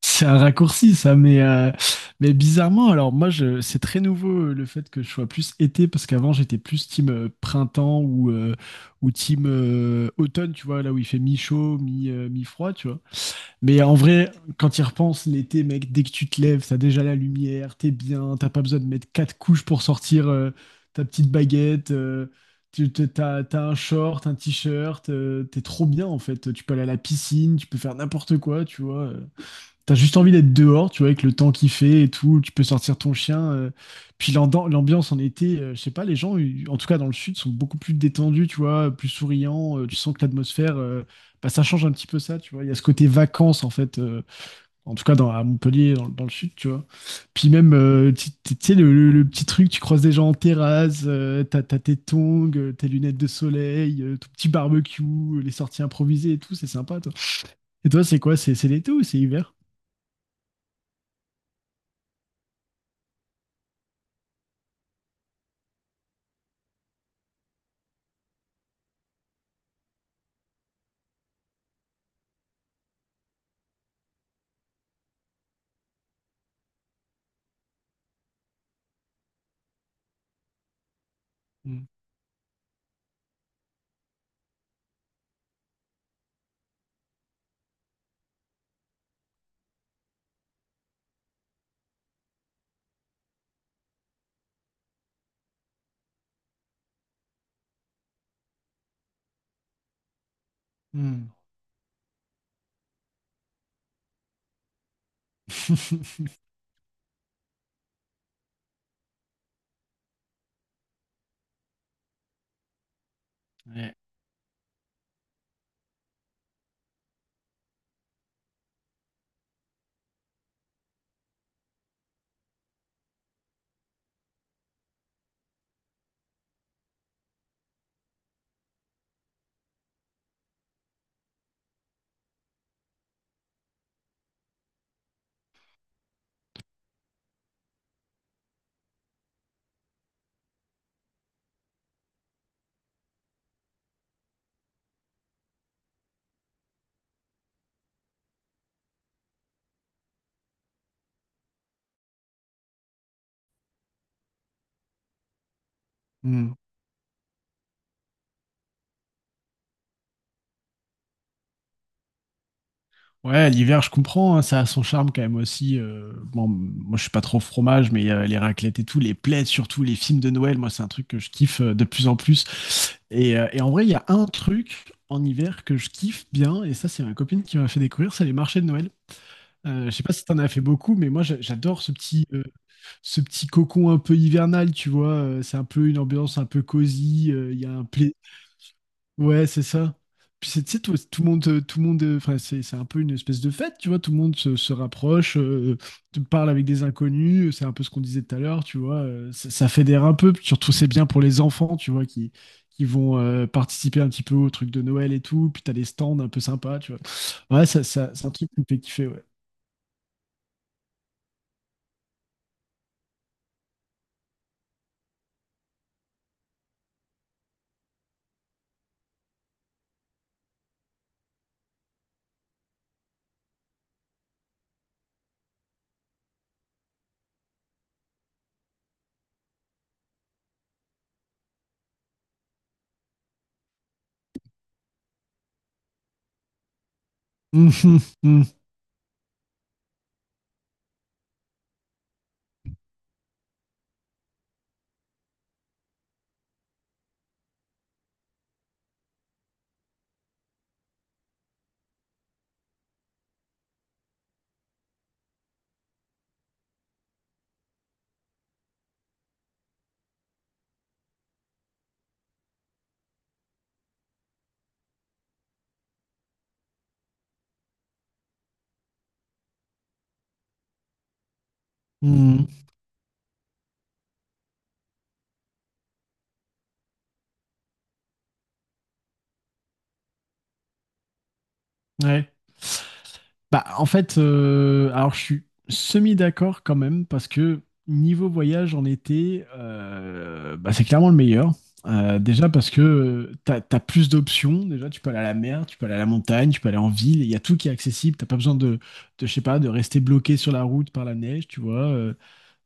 C'est un raccourci, ça, mais bizarrement, alors moi, c'est très nouveau le fait que je sois plus été, parce qu'avant, j'étais plus team printemps ou team automne, tu vois, là où il fait mi-chaud, mi-froid, tu vois. Mais en vrai, quand y repenses, l'été, mec, dès que tu te lèves, t'as déjà la lumière, t'es bien, t'as pas besoin de mettre quatre couches pour sortir ta petite baguette, t'as un short, un t-shirt, t'es trop bien, en fait. Tu peux aller à la piscine, tu peux faire n'importe quoi, tu vois. T'as juste envie d'être dehors, tu vois, avec le temps qu'il fait et tout, tu peux sortir ton chien. Puis l'ambiance en été, je sais pas, les gens, en tout cas dans le sud, sont beaucoup plus détendus, tu vois, plus souriants. Tu sens que l'atmosphère, bah, ça change un petit peu ça, tu vois. Il y a ce côté vacances, en fait, en tout cas à Montpellier, dans le sud, tu vois. Puis même, tu sais, le petit truc, tu croises des gens en terrasse, t'as tes tongs, tes lunettes de soleil, ton petit barbecue, les sorties improvisées et tout, c'est sympa, toi. Et toi, c'est quoi? C'est l'été ou c'est hiver? Hmm. Ouais. Hmm. Ouais, l'hiver, je comprends, hein, ça a son charme quand même aussi. Bon, moi, je suis pas trop fromage, mais les raclettes et tout, les plaids, surtout les films de Noël, moi, c'est un truc que je kiffe de plus en plus. Et en vrai, il y a un truc en hiver que je kiffe bien, et ça, c'est ma copine qui m'a fait découvrir, c'est les marchés de Noël. Je sais pas si t'en as fait beaucoup, mais moi, j'adore ce petit cocon un peu hivernal, tu vois. C'est un peu une ambiance un peu cosy, il y a un plaisir. Ouais, c'est ça. Puis c'est, tu sais, tout le monde, enfin, c'est un peu une espèce de fête, tu vois. Tout le monde se rapproche, te parle avec des inconnus. C'est un peu ce qu'on disait tout à l'heure, tu vois. Ça fédère un peu. Puis surtout, c'est bien pour les enfants, tu vois, qui vont participer un petit peu au truc de Noël et tout. Puis t'as des stands un peu sympas, tu vois. Ouais, ça, c'est un truc qui me fait kiffer, ouais. Mhm, mhm, mhm. Ouais. Bah, en fait, alors je suis semi-d'accord quand même, parce que niveau voyage en été, bah, c'est clairement le meilleur. Déjà parce que tu as, plus d'options. Déjà, tu peux aller à la mer, tu peux aller à la montagne, tu peux aller en ville. Il y a tout qui est accessible. T'as pas besoin je sais pas, de rester bloqué sur la route par la neige, tu vois.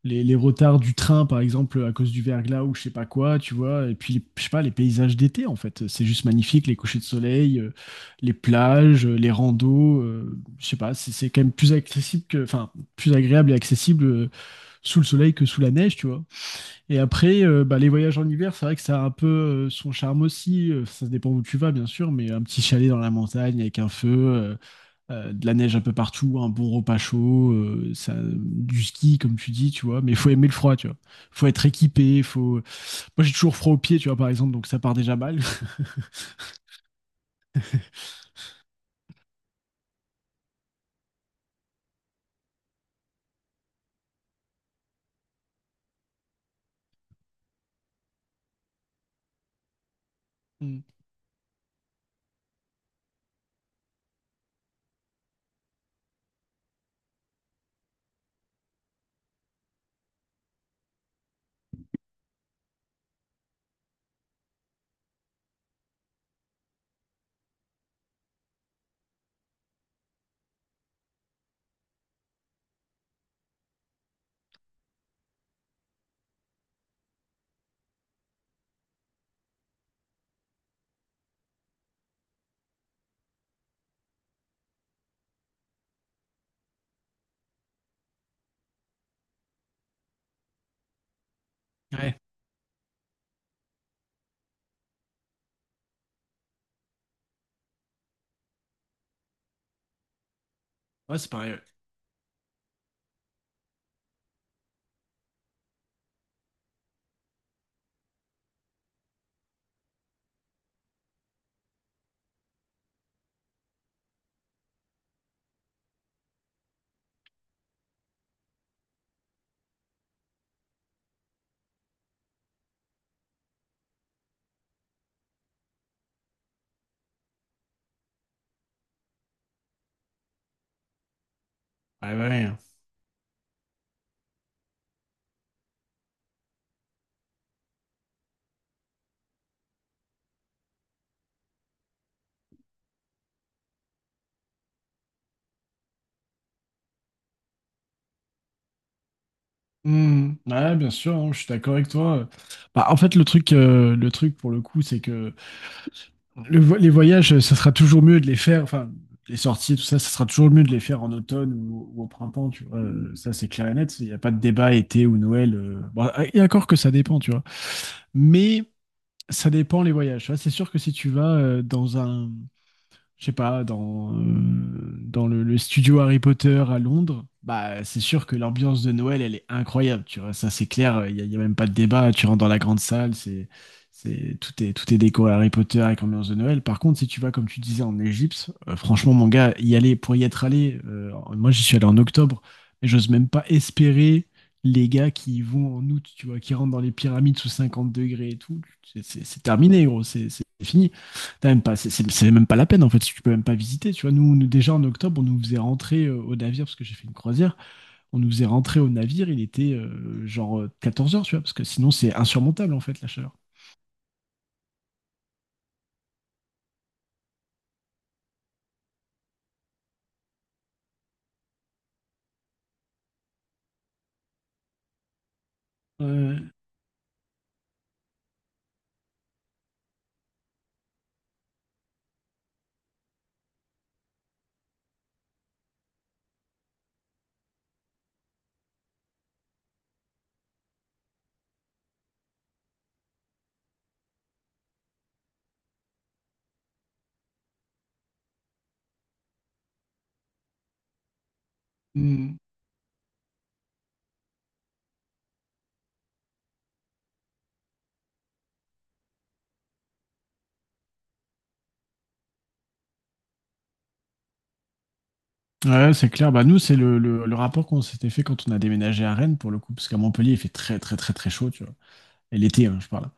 Les retards du train, par exemple, à cause du verglas ou je sais pas quoi, tu vois. Et puis, je sais pas, les paysages d'été, en fait. C'est juste magnifique, les couchers de soleil, les plages, les randos. Je sais pas, c'est quand même plus accessible que, enfin, plus agréable et accessible sous le soleil que sous la neige, tu vois. Et après, bah, les voyages en hiver, c'est vrai que ça a un peu son charme aussi. Ça dépend où tu vas, bien sûr, mais un petit chalet dans la montagne avec un feu, de la neige un peu partout, un bon repas chaud, ça, du ski comme tu dis, tu vois. Mais il faut aimer le froid, tu vois. Faut être équipé, faut. Moi j'ai toujours froid aux pieds, tu vois par exemple, donc ça part déjà mal. Mm. Ouais, ouais, c'est pareil. Ouais, ouais. Ouais. Mm. Ouais, bien sûr, hein, je suis d'accord avec toi. Bah, en fait, le truc, le truc pour le coup, c'est que les voyages, ça sera toujours mieux de les faire, enfin, les sorties, tout ça, ça sera toujours mieux de les faire en automne ou au printemps, tu vois. Ça, c'est clair et net. Il n'y a pas de débat été ou Noël. Bon, et encore que ça dépend, tu vois. Mais ça dépend les voyages, tu vois. C'est sûr que si tu vas dans un je sais pas, dans le studio Harry Potter à Londres, bah, c'est sûr que l'ambiance de Noël, elle est incroyable, tu vois, ça c'est clair, il n'y a, y a même pas de débat, tu rentres dans la grande salle, c'est, tout est déco Harry Potter avec ambiance de Noël. Par contre, si tu vas, comme tu disais, en Égypte, franchement, mon gars, y aller, pour y être allé, moi j'y suis allé en octobre, mais j'ose même pas espérer les gars qui y vont en août, tu vois, qui rentrent dans les pyramides sous 50 degrés et tout, c'est terminé, gros, c'est fini. T'as même pas, c'est même pas la peine en fait, si tu peux même pas visiter. Tu vois, nous, déjà en octobre, on nous faisait rentrer au navire parce que j'ai fait une croisière. On nous faisait rentrer au navire, il était 14 heures, tu vois, parce que sinon c'est insurmontable en fait la chaleur. Ouais. Mm. Ouais, c'est clair. Bah nous, c'est le rapport qu'on s'était fait quand on a déménagé à Rennes pour le coup, parce qu'à Montpellier, il fait très très très très chaud, tu vois. Et l'été, hein, je parle.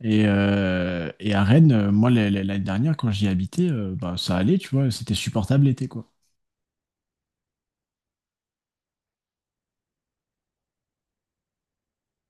Et à Rennes, moi, l'année dernière, quand j'y habitais, bah, ça allait, tu vois, c'était supportable l'été, quoi.